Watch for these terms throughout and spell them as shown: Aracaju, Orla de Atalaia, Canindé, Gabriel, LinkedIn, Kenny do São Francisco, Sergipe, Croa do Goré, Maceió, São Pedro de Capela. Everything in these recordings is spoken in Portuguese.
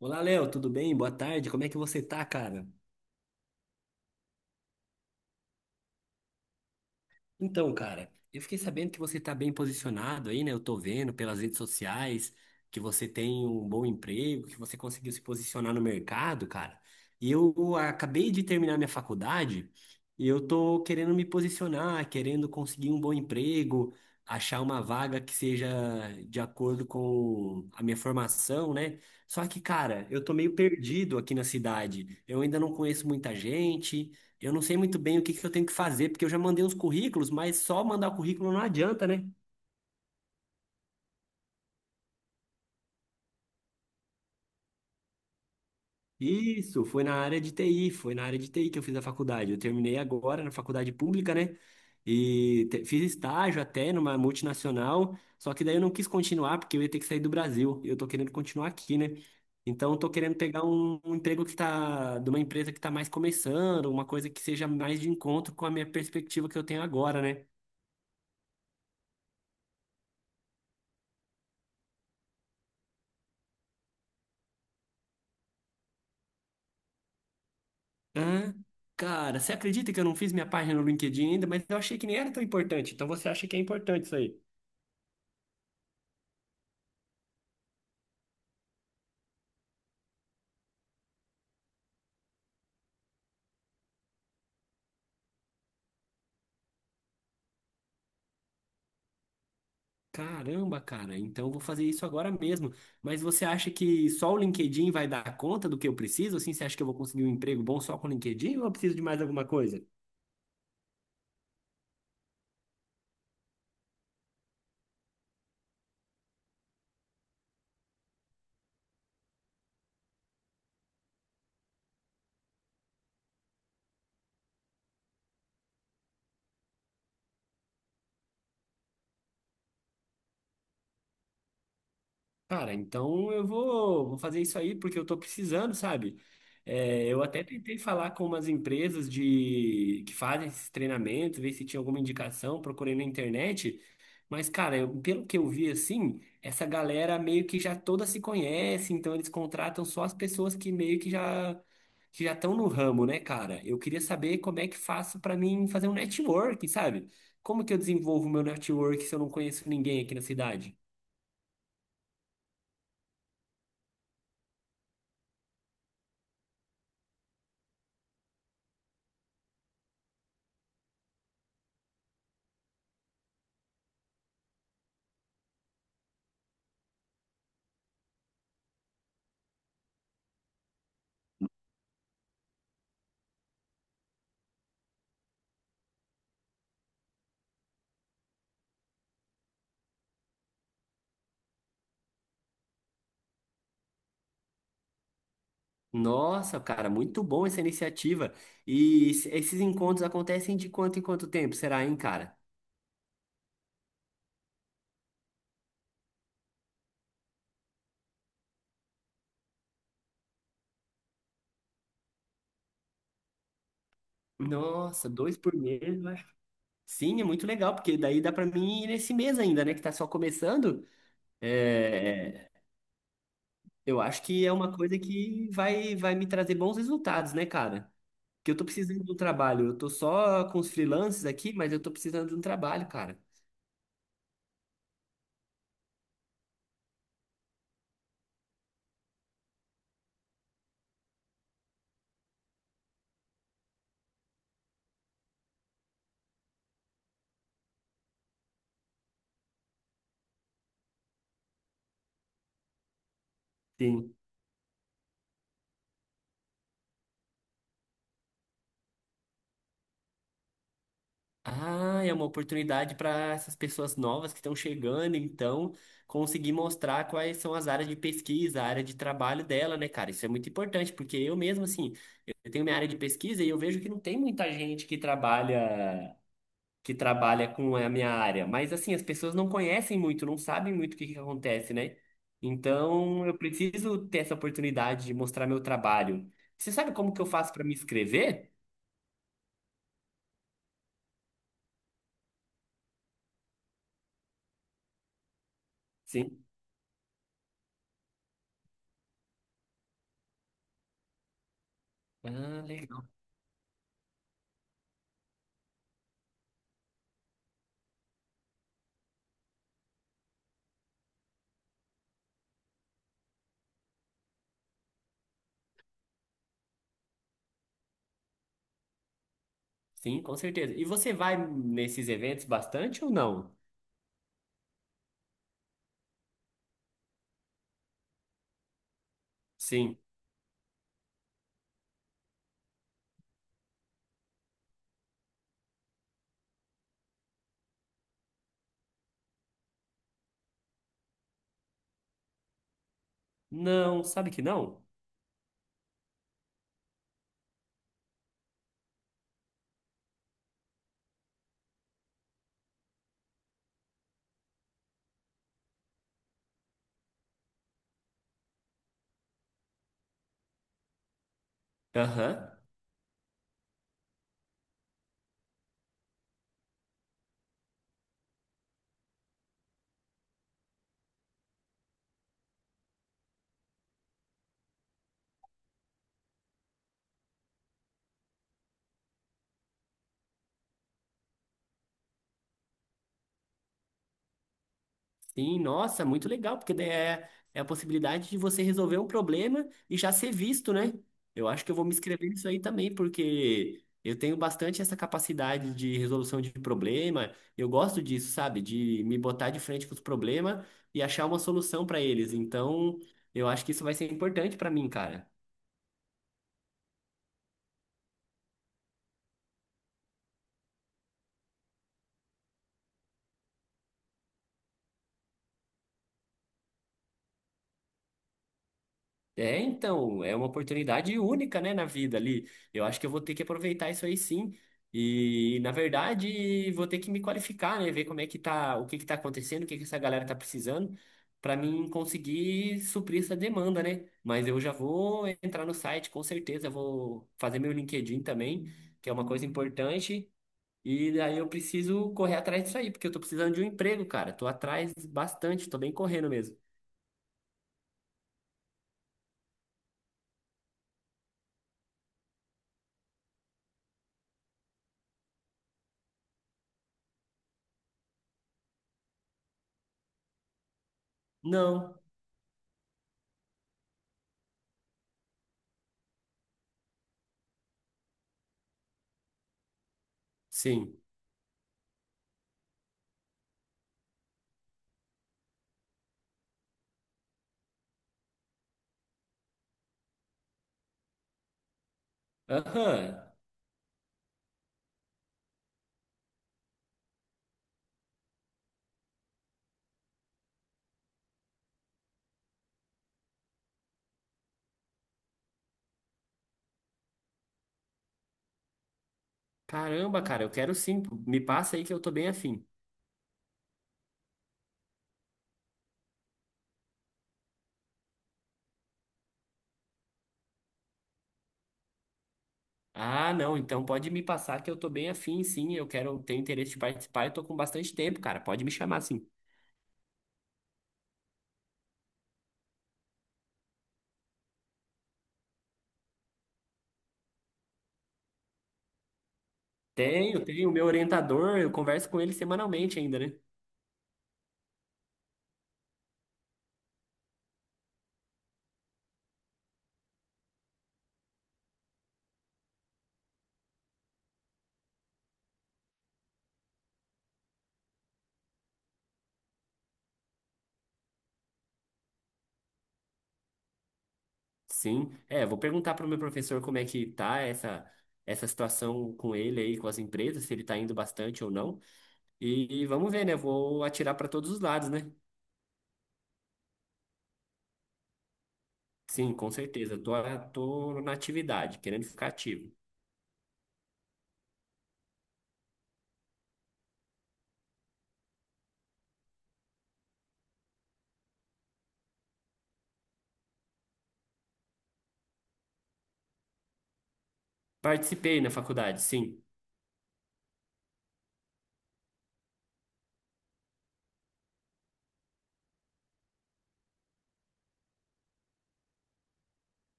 Olá, Léo, tudo bem? Boa tarde. Como é que você tá, cara? Então, cara, eu fiquei sabendo que você tá bem posicionado aí, né? Eu tô vendo pelas redes sociais que você tem um bom emprego, que você conseguiu se posicionar no mercado, cara. E eu acabei de terminar minha faculdade e eu tô querendo me posicionar, querendo conseguir um bom emprego, achar uma vaga que seja de acordo com a minha formação, né? Só que, cara, eu tô meio perdido aqui na cidade. Eu ainda não conheço muita gente. Eu não sei muito bem o que que eu tenho que fazer, porque eu já mandei uns currículos, mas só mandar o currículo não adianta, né? Isso, foi na área de TI, foi na área de TI que eu fiz a faculdade. Eu terminei agora na faculdade pública, né? E fiz estágio até numa multinacional, só que daí eu não quis continuar, porque eu ia ter que sair do Brasil. Eu tô querendo continuar aqui, né? Então, eu tô querendo pegar um emprego que tá, de uma empresa que tá mais começando, uma coisa que seja mais de encontro com a minha perspectiva que eu tenho agora, né? Hã? Cara, você acredita que eu não fiz minha página no LinkedIn ainda, mas eu achei que nem era tão importante. Então você acha que é importante isso aí? Caramba, cara, então eu vou fazer isso agora mesmo. Mas você acha que só o LinkedIn vai dar conta do que eu preciso? Assim, você acha que eu vou conseguir um emprego bom só com o LinkedIn ou eu preciso de mais alguma coisa? Cara, então eu vou fazer isso aí porque eu tô precisando, sabe? É, eu até tentei falar com umas empresas de que fazem esses treinamentos, ver se tinha alguma indicação, procurei na internet. Mas, cara, pelo que eu vi assim, essa galera meio que já toda se conhece, então eles contratam só as pessoas que meio que já estão no ramo, né, cara? Eu queria saber como é que faço pra mim fazer um network, sabe? Como que eu desenvolvo meu network se eu não conheço ninguém aqui na cidade? Nossa, cara, muito bom essa iniciativa. E esses encontros acontecem de quanto em quanto tempo, será, hein, cara? Nossa, dois por mês, né? Sim, é muito legal, porque daí dá pra mim ir nesse mês ainda, né, que tá só começando. É, é, eu acho que é uma coisa que vai me trazer bons resultados, né, cara? Porque eu tô precisando de um trabalho. Eu tô só com os freelances aqui, mas eu tô precisando de um trabalho, cara. Sim. Ah, é uma oportunidade para essas pessoas novas que estão chegando, então, conseguir mostrar quais são as áreas de pesquisa, a área de trabalho dela, né, cara? Isso é muito importante, porque eu mesmo, assim, eu tenho minha área de pesquisa e eu vejo que não tem muita gente que trabalha com a minha área. Mas, assim, as pessoas não conhecem muito, não sabem muito o que que acontece, né? Então, eu preciso ter essa oportunidade de mostrar meu trabalho. Você sabe como que eu faço para me inscrever? Sim. Ah. Sim, com certeza. E você vai nesses eventos bastante ou não? Sim. Não, sabe que não? Aham. Sim, nossa, muito legal, porque daí é a possibilidade de você resolver um problema e já ser visto, né? Eu acho que eu vou me inscrever nisso aí também, porque eu tenho bastante essa capacidade de resolução de problema. Eu gosto disso, sabe? De me botar de frente com os problemas e achar uma solução para eles. Então, eu acho que isso vai ser importante para mim, cara. É, então, é uma oportunidade única, né, na vida ali. Eu acho que eu vou ter que aproveitar isso aí sim. E, na verdade, vou ter que me qualificar, né, ver como é que tá, o que que tá acontecendo, o que que essa galera tá precisando, para mim conseguir suprir essa demanda, né? Mas eu já vou entrar no site, com certeza, vou fazer meu LinkedIn também, que é uma coisa importante. E daí eu preciso correr atrás disso aí, porque eu tô precisando de um emprego, cara. Tô atrás bastante, tô bem correndo mesmo. Não, sim. Aham. Caramba, cara, eu quero sim. Me passa aí que eu tô bem afim. Ah, não, então pode me passar que eu tô bem afim, sim. Eu quero, tenho interesse de participar e tô com bastante tempo, cara. Pode me chamar, sim. Tenho, tenho. O meu orientador, eu converso com ele semanalmente ainda, né? Sim. É, vou perguntar pro meu professor como é que tá essa, essa situação com ele aí, com as empresas, se ele tá indo bastante ou não. E vamos ver, né? Vou atirar pra todos os lados, né? Sim, com certeza. Tô na atividade, querendo ficar ativo. Participei na faculdade, sim.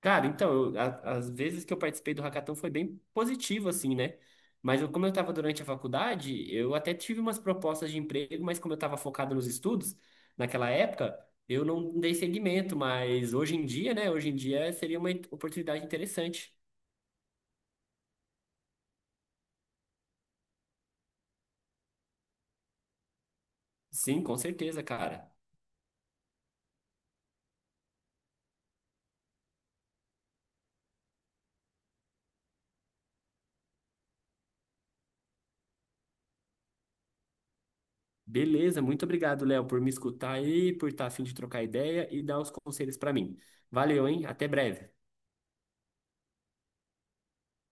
Cara, então, eu, as vezes que eu participei do hackathon foi bem positivo, assim, né? Mas eu, como eu estava durante a faculdade, eu até tive umas propostas de emprego, mas como eu estava focado nos estudos, naquela época, eu não dei seguimento. Mas hoje em dia, né? Hoje em dia seria uma oportunidade interessante. Sim, com certeza, cara. Beleza, muito obrigado, Léo, por me escutar aí, por estar afim de trocar ideia e dar os conselhos para mim. Valeu, hein? Até breve.